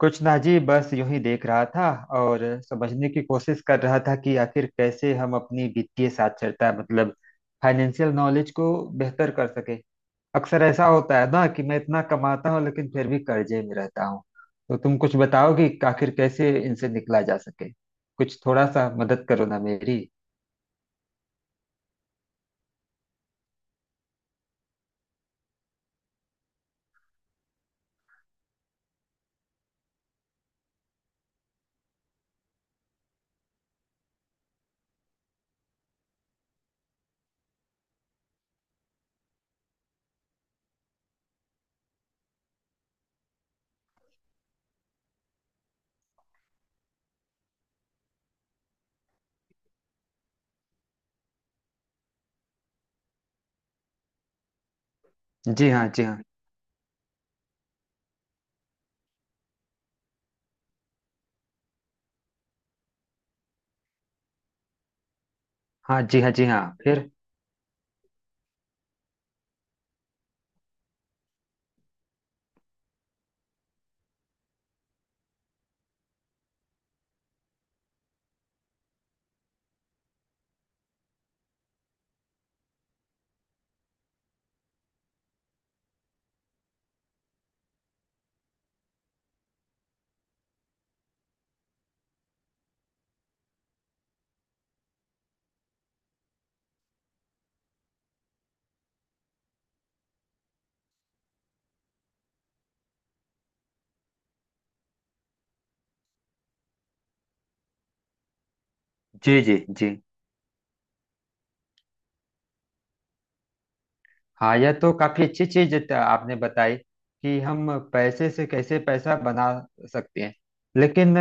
कुछ ना जी, बस यूं ही देख रहा था। और समझने की कोशिश कर रहा था कि आखिर कैसे हम अपनी वित्तीय साक्षरता, मतलब फाइनेंशियल नॉलेज को बेहतर कर सके। अक्सर ऐसा होता है ना कि मैं इतना कमाता हूँ लेकिन फिर भी कर्जे में रहता हूँ। तो तुम कुछ बताओ कि आखिर कैसे इनसे निकला जा सके। कुछ थोड़ा सा मदद करो ना मेरी। जी हाँ जी हाँ। हाँ जी हाँ जी हाँ, फिर? जी जी जी। हाँ, यह तो काफी अच्छी चीज आपने बताई कि हम पैसे से कैसे पैसा बना सकते हैं। लेकिन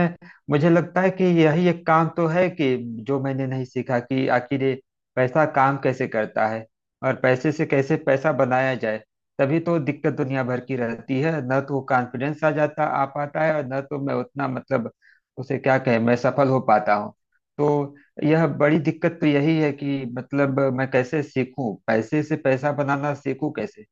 मुझे लगता है कि यही एक काम तो है कि जो मैंने नहीं सीखा कि आखिर ये पैसा काम कैसे करता है और पैसे से कैसे पैसा बनाया जाए। तभी तो दिक्कत दुनिया भर की रहती है, न तो कॉन्फिडेंस आ पाता है, और न तो मैं उतना, मतलब उसे क्या कहें, मैं सफल हो पाता हूँ। तो यह बड़ी दिक्कत तो यही है कि मतलब मैं कैसे सीखूं, पैसे से पैसा बनाना सीखूं कैसे।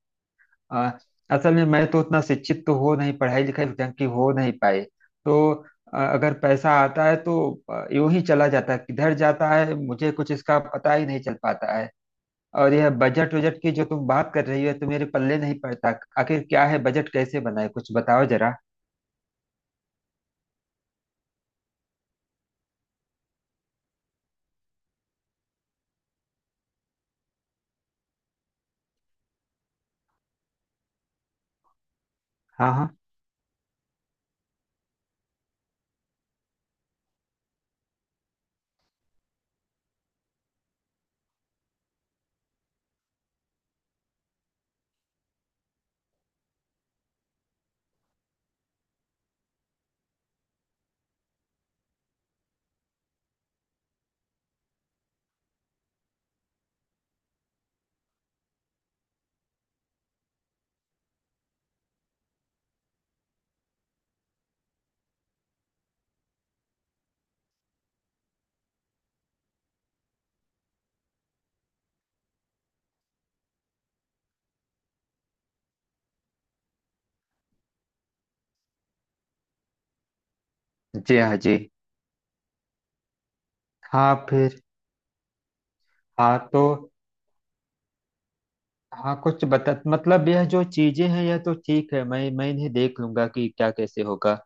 आ, असल में मैं तो उतना शिक्षित तो हो नहीं, पढ़ाई लिखाई ढंग की हो नहीं पाए। तो अगर पैसा आता है तो यूं ही चला जाता है, किधर जाता है मुझे कुछ इसका पता ही नहीं चल पाता है। और यह बजट वजट की जो तुम बात कर रही हो, तो मेरे पल्ले नहीं पड़ता। आखिर क्या है बजट, कैसे बनाए, कुछ बताओ जरा। हाँ हाँ। जी हाँ जी हाँ, फिर? हाँ तो। हाँ, कुछ बता, मतलब यह जो चीजें हैं यह तो ठीक है, मैं इन्हें देख लूंगा कि क्या कैसे होगा।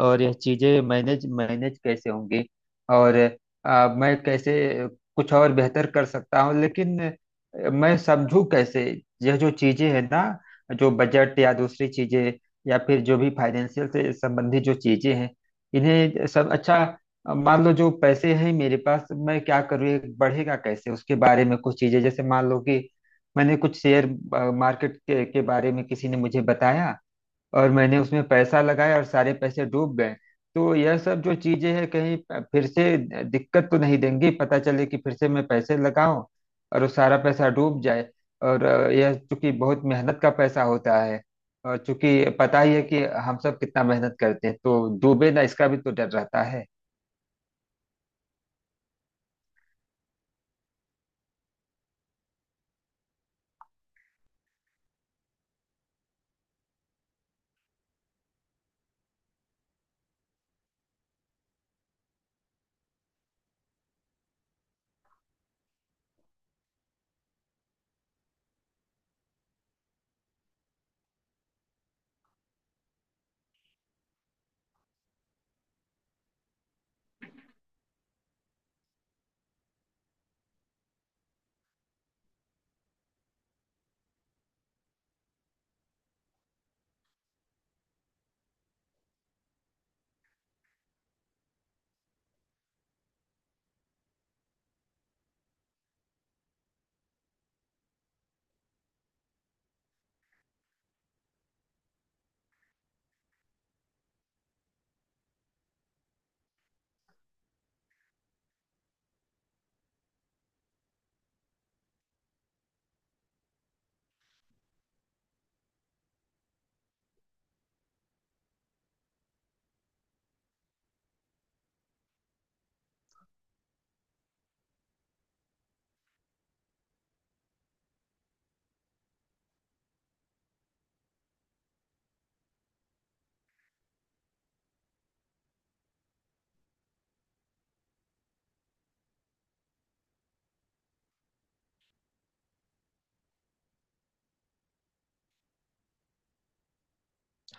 और यह चीजें मैनेज मैनेज कैसे होंगी। और मैं कैसे कुछ और बेहतर कर सकता हूँ, लेकिन मैं समझू कैसे। यह जो चीजें हैं ना, जो बजट या दूसरी चीजें, या फिर जो भी फाइनेंशियल से संबंधित जो चीजें हैं, इन्हें सब अच्छा। मान लो जो पैसे हैं मेरे पास, मैं क्या करूँ, ये बढ़ेगा कैसे, उसके बारे में कुछ चीजें। जैसे मान लो कि मैंने कुछ शेयर मार्केट के बारे में किसी ने मुझे बताया, और मैंने उसमें पैसा लगाया और सारे पैसे डूब गए। तो यह सब जो चीजें हैं कहीं फिर से दिक्कत तो नहीं देंगी, पता चले कि फिर से मैं पैसे लगाऊं और वो सारा पैसा डूब जाए। और यह चूंकि बहुत मेहनत का पैसा होता है, और चूंकि पता ही है कि हम सब कितना मेहनत करते हैं, तो डूबे ना, इसका भी तो डर रहता है।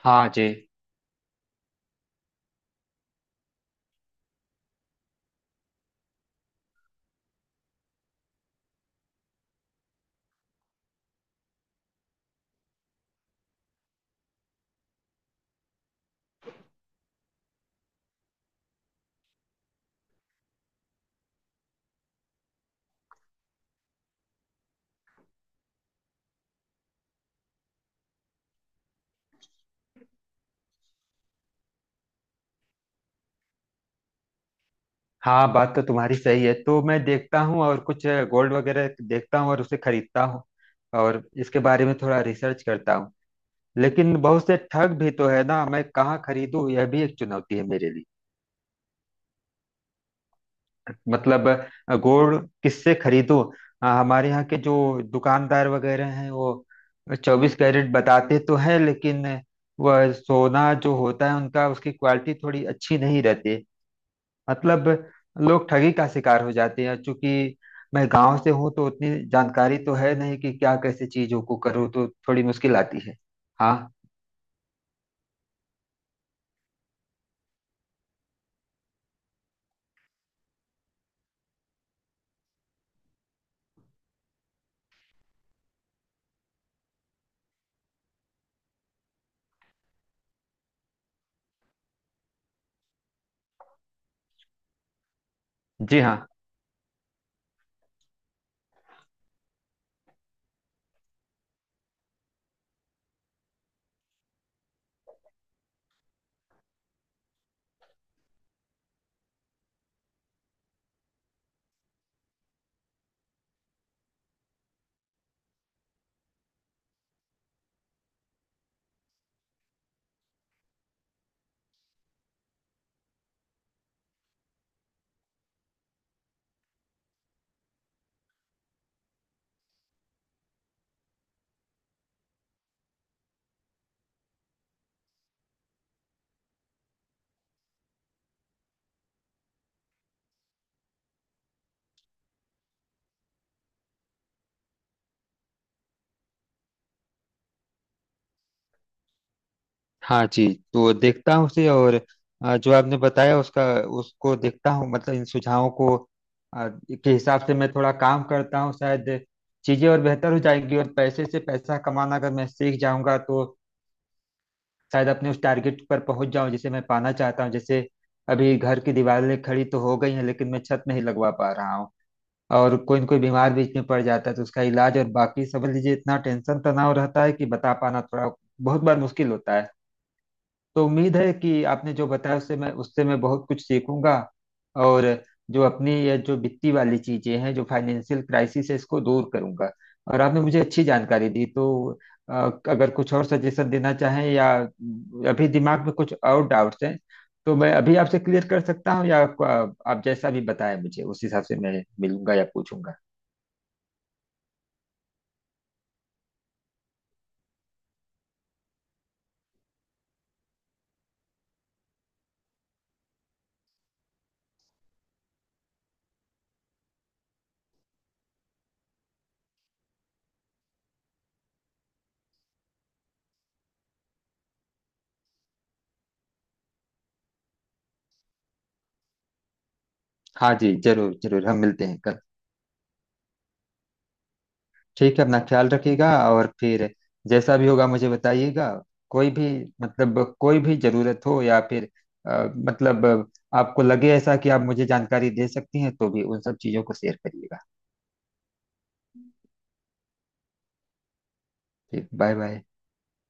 हाँ जी। हाँ, बात तो तुम्हारी सही है, तो मैं देखता हूँ, और कुछ गोल्ड वगैरह देखता हूँ और उसे खरीदता हूँ और इसके बारे में थोड़ा रिसर्च करता हूँ। लेकिन बहुत से ठग भी तो है ना, मैं कहाँ खरीदूँ यह भी एक चुनौती है मेरे लिए। मतलब गोल्ड किससे खरीदूँ। हाँ, हमारे यहाँ के जो दुकानदार वगैरह हैं वो 24 कैरेट बताते तो हैं, लेकिन वह सोना जो होता है उनका, उसकी क्वालिटी थोड़ी अच्छी नहीं रहती। मतलब लोग ठगी का शिकार हो जाते हैं। चूंकि मैं गांव से हूँ तो उतनी जानकारी तो है नहीं कि क्या कैसे चीजों को करूँ, तो थोड़ी मुश्किल आती है। हाँ जी हाँ। हाँ जी। तो देखता हूँ उसे, और जो आपने बताया उसका, उसको देखता हूँ। मतलब इन सुझावों को के हिसाब से मैं थोड़ा काम करता हूँ, शायद चीजें और बेहतर हो जाएंगी। और पैसे से पैसा कमाना अगर मैं सीख जाऊंगा तो शायद अपने उस टारगेट पर पहुंच जाऊं जिसे मैं पाना चाहता हूं। जैसे अभी घर की दीवारें खड़ी तो हो गई हैं लेकिन मैं छत नहीं लगवा पा रहा हूँ, और कोई न कोई बीमार बीच में पड़ जाता है तो उसका इलाज, और बाकी समझ लीजिए इतना टेंशन तनाव रहता है कि बता पाना थोड़ा बहुत बार मुश्किल होता है। तो उम्मीद है कि आपने जो बताया उससे मैं बहुत कुछ सीखूंगा। और जो अपनी ये जो वित्तीय वाली चीजें हैं, जो फाइनेंशियल क्राइसिस है, इसको दूर करूंगा। और आपने मुझे अच्छी जानकारी दी तो अ, अगर कुछ और सजेशन देना चाहें, या अभी दिमाग में कुछ और डाउट्स हैं, तो मैं अभी आपसे क्लियर कर सकता हूँ। या आपको, आप जैसा भी बताएं, मुझे उस हिसाब से मैं मिलूंगा या पूछूंगा। हाँ जी, जरूर जरूर, हम मिलते हैं कल। ठीक है, अपना ख्याल रखिएगा, और फिर जैसा भी होगा मुझे बताइएगा। कोई भी, मतलब कोई भी जरूरत हो, या फिर मतलब आपको लगे ऐसा कि आप मुझे जानकारी दे सकती हैं, तो भी उन सब चीज़ों को शेयर करिएगा। ठीक, बाय बाय।